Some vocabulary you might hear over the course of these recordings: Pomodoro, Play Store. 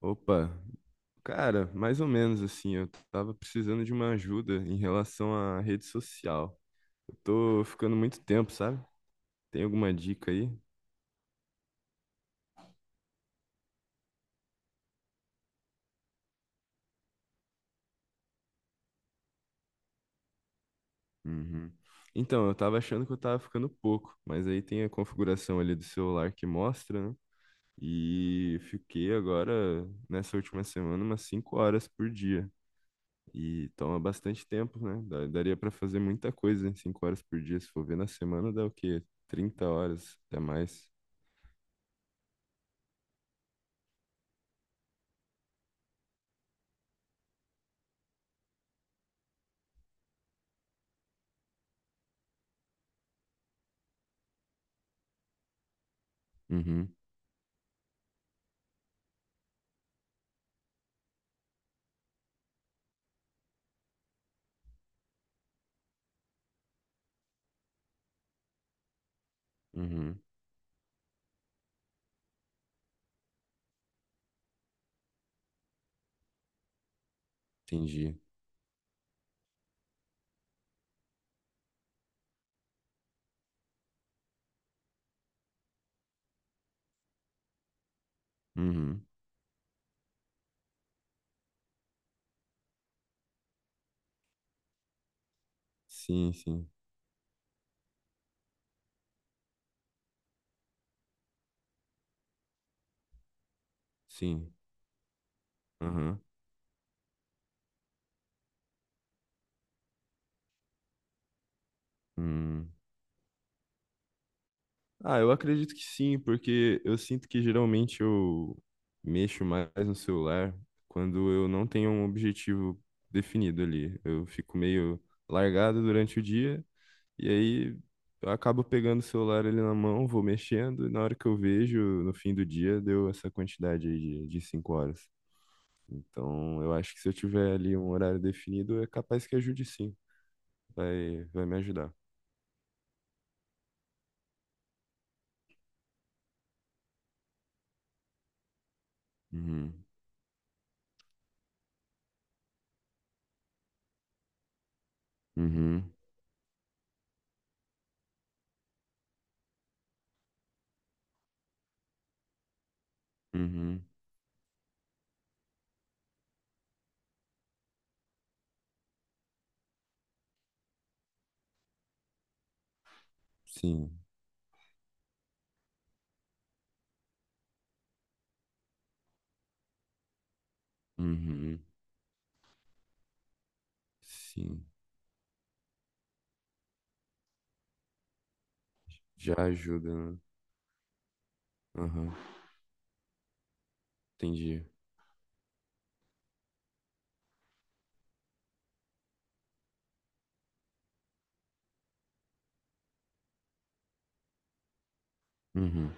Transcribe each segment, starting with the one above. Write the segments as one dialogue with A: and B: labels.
A: Opa, cara, mais ou menos assim, eu tava precisando de uma ajuda em relação à rede social. Eu tô ficando muito tempo, sabe? Tem alguma dica aí? Uhum. Então, eu tava achando que eu tava ficando pouco, mas aí tem a configuração ali do celular que mostra, né? E fiquei agora, nessa última semana, umas 5 horas por dia. E toma bastante tempo, né? Daria pra fazer muita coisa em 5 horas por dia. Se for ver na semana, dá o quê? 30 horas, até mais. Uhum. Uhum. Entendi. Uhum. Sim, sim, sim. Uhum. Hum. Ah, eu acredito que sim, porque eu sinto que geralmente eu mexo mais no celular quando eu não tenho um objetivo definido ali. Eu fico meio largado durante o dia e aí eu acabo pegando o celular ali na mão, vou mexendo e na hora que eu vejo, no fim do dia, deu essa quantidade aí de 5 horas. Então, eu acho que se eu tiver ali um horário definido, é capaz que ajude sim. Vai me ajudar. Uhum, uhum, uhum, sim, uhum, sim. Já ajuda, né? Aham, entendi. Uhum,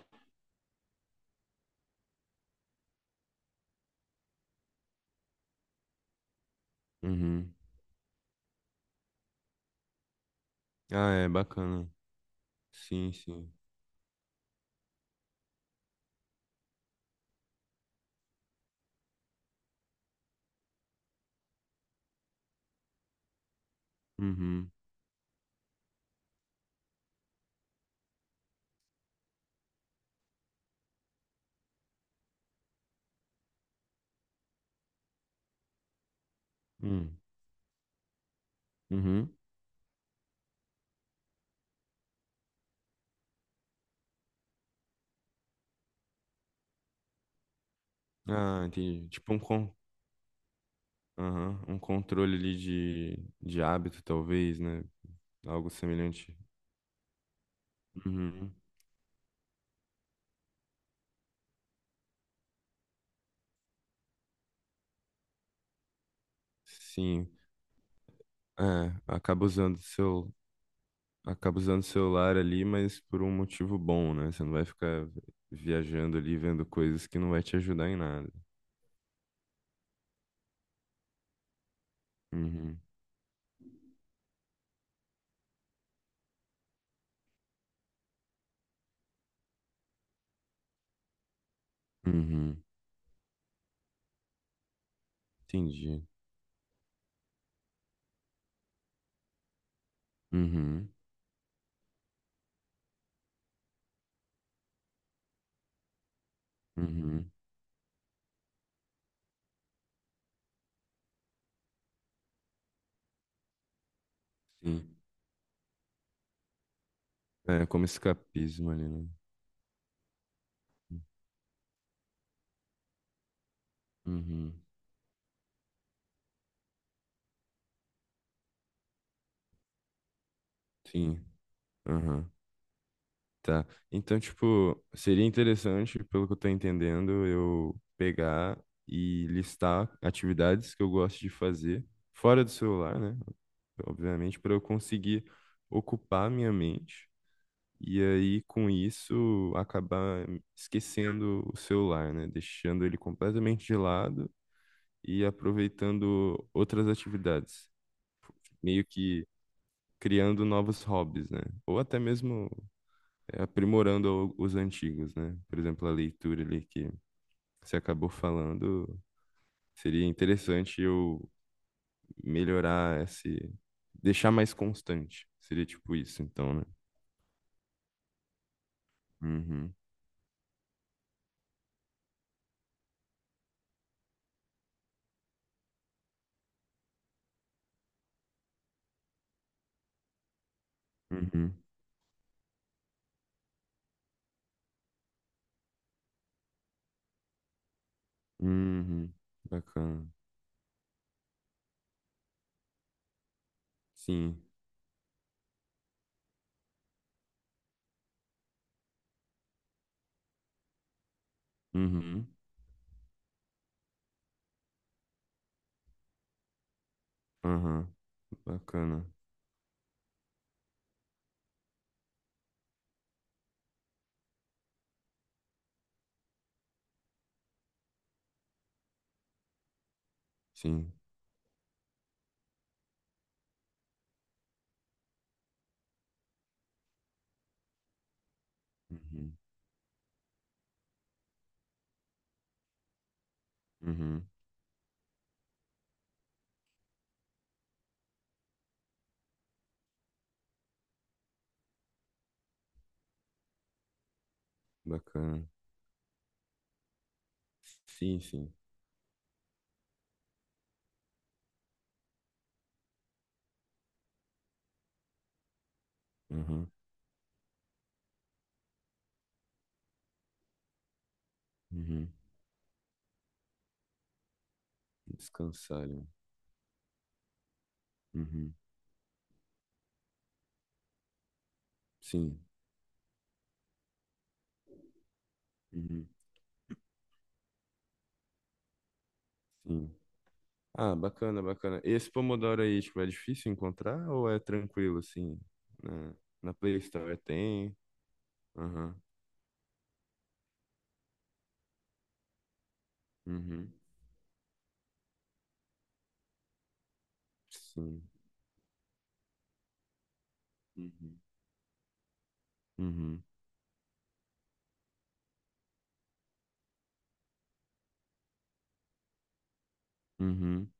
A: uhum. Ah, é bacana. Sim, sim. Uhum, uhum, uhum. Ah, entendi. Tipo um, aham, um controle ali de hábito, talvez, né? Algo semelhante. Uhum, sim. É, acaba usando seu acaba usando o celular ali, mas por um motivo bom, né? Você não vai ficar viajando ali, vendo coisas que não vai te ajudar em nada. Uhum, uhum, entendi. Uhum, uhum, sim. É como escapismo ali, né? Uhum, sim, aham, tá. Então, tipo, seria interessante, pelo que eu tô entendendo, eu pegar e listar atividades que eu gosto de fazer fora do celular, né? Obviamente, para eu conseguir ocupar minha mente. E aí, com isso, acabar esquecendo o celular, né? Deixando ele completamente de lado e aproveitando outras atividades, meio que criando novos hobbies, né? Ou até mesmo aprimorando os antigos, né? Por exemplo, a leitura ali que você acabou falando, seria interessante eu melhorar esse, deixar mais constante. Seria tipo isso, então, né? Uhum, uhum, uhum. Bacana. Sim. Uhum, aham, bacana, sim, uhum, uhum, bacana, sim, sim, uhum, uhum, descansarem, uhum, sim, uhum, sim. Ah, bacana, bacana. Esse Pomodoro aí, tipo, é difícil encontrar ou é tranquilo, assim, na, na, Play Store tem? Aham, uhum, sim, uhum, uhum, uhum,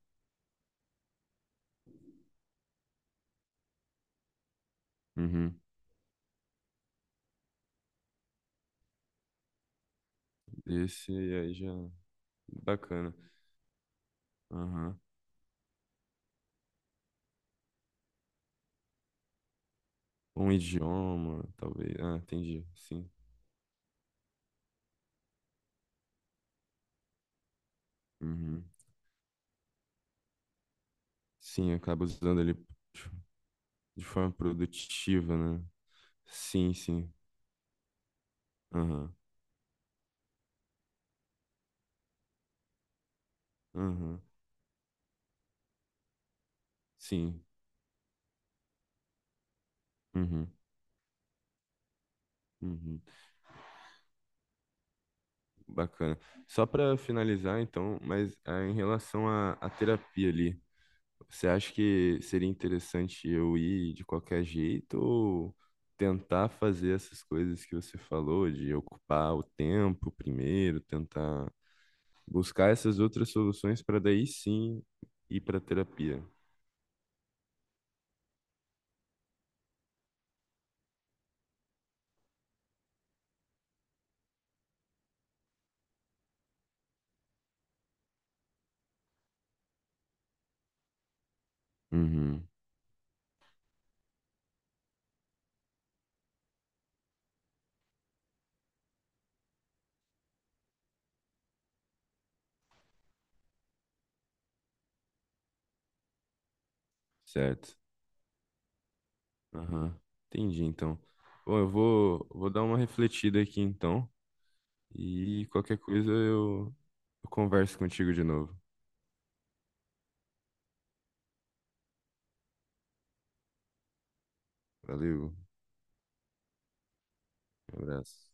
A: uhum, esse aí já, bacana, aham. Um idioma, talvez. Ah, entendi. Sim. Uhum. Sim, acaba usando ele de forma produtiva, né? Sim, sim. Aham. Aham. Sim. Uhum. Uhum. Bacana. Só para finalizar, então, mas em relação à terapia ali, você acha que seria interessante eu ir de qualquer jeito ou tentar fazer essas coisas que você falou, de ocupar o tempo primeiro, tentar buscar essas outras soluções para daí sim ir para terapia. Uhum, certo. Aham, entendi então. Bom, eu vou dar uma refletida aqui então e qualquer coisa eu converso contigo de novo. Valeu, um abraço.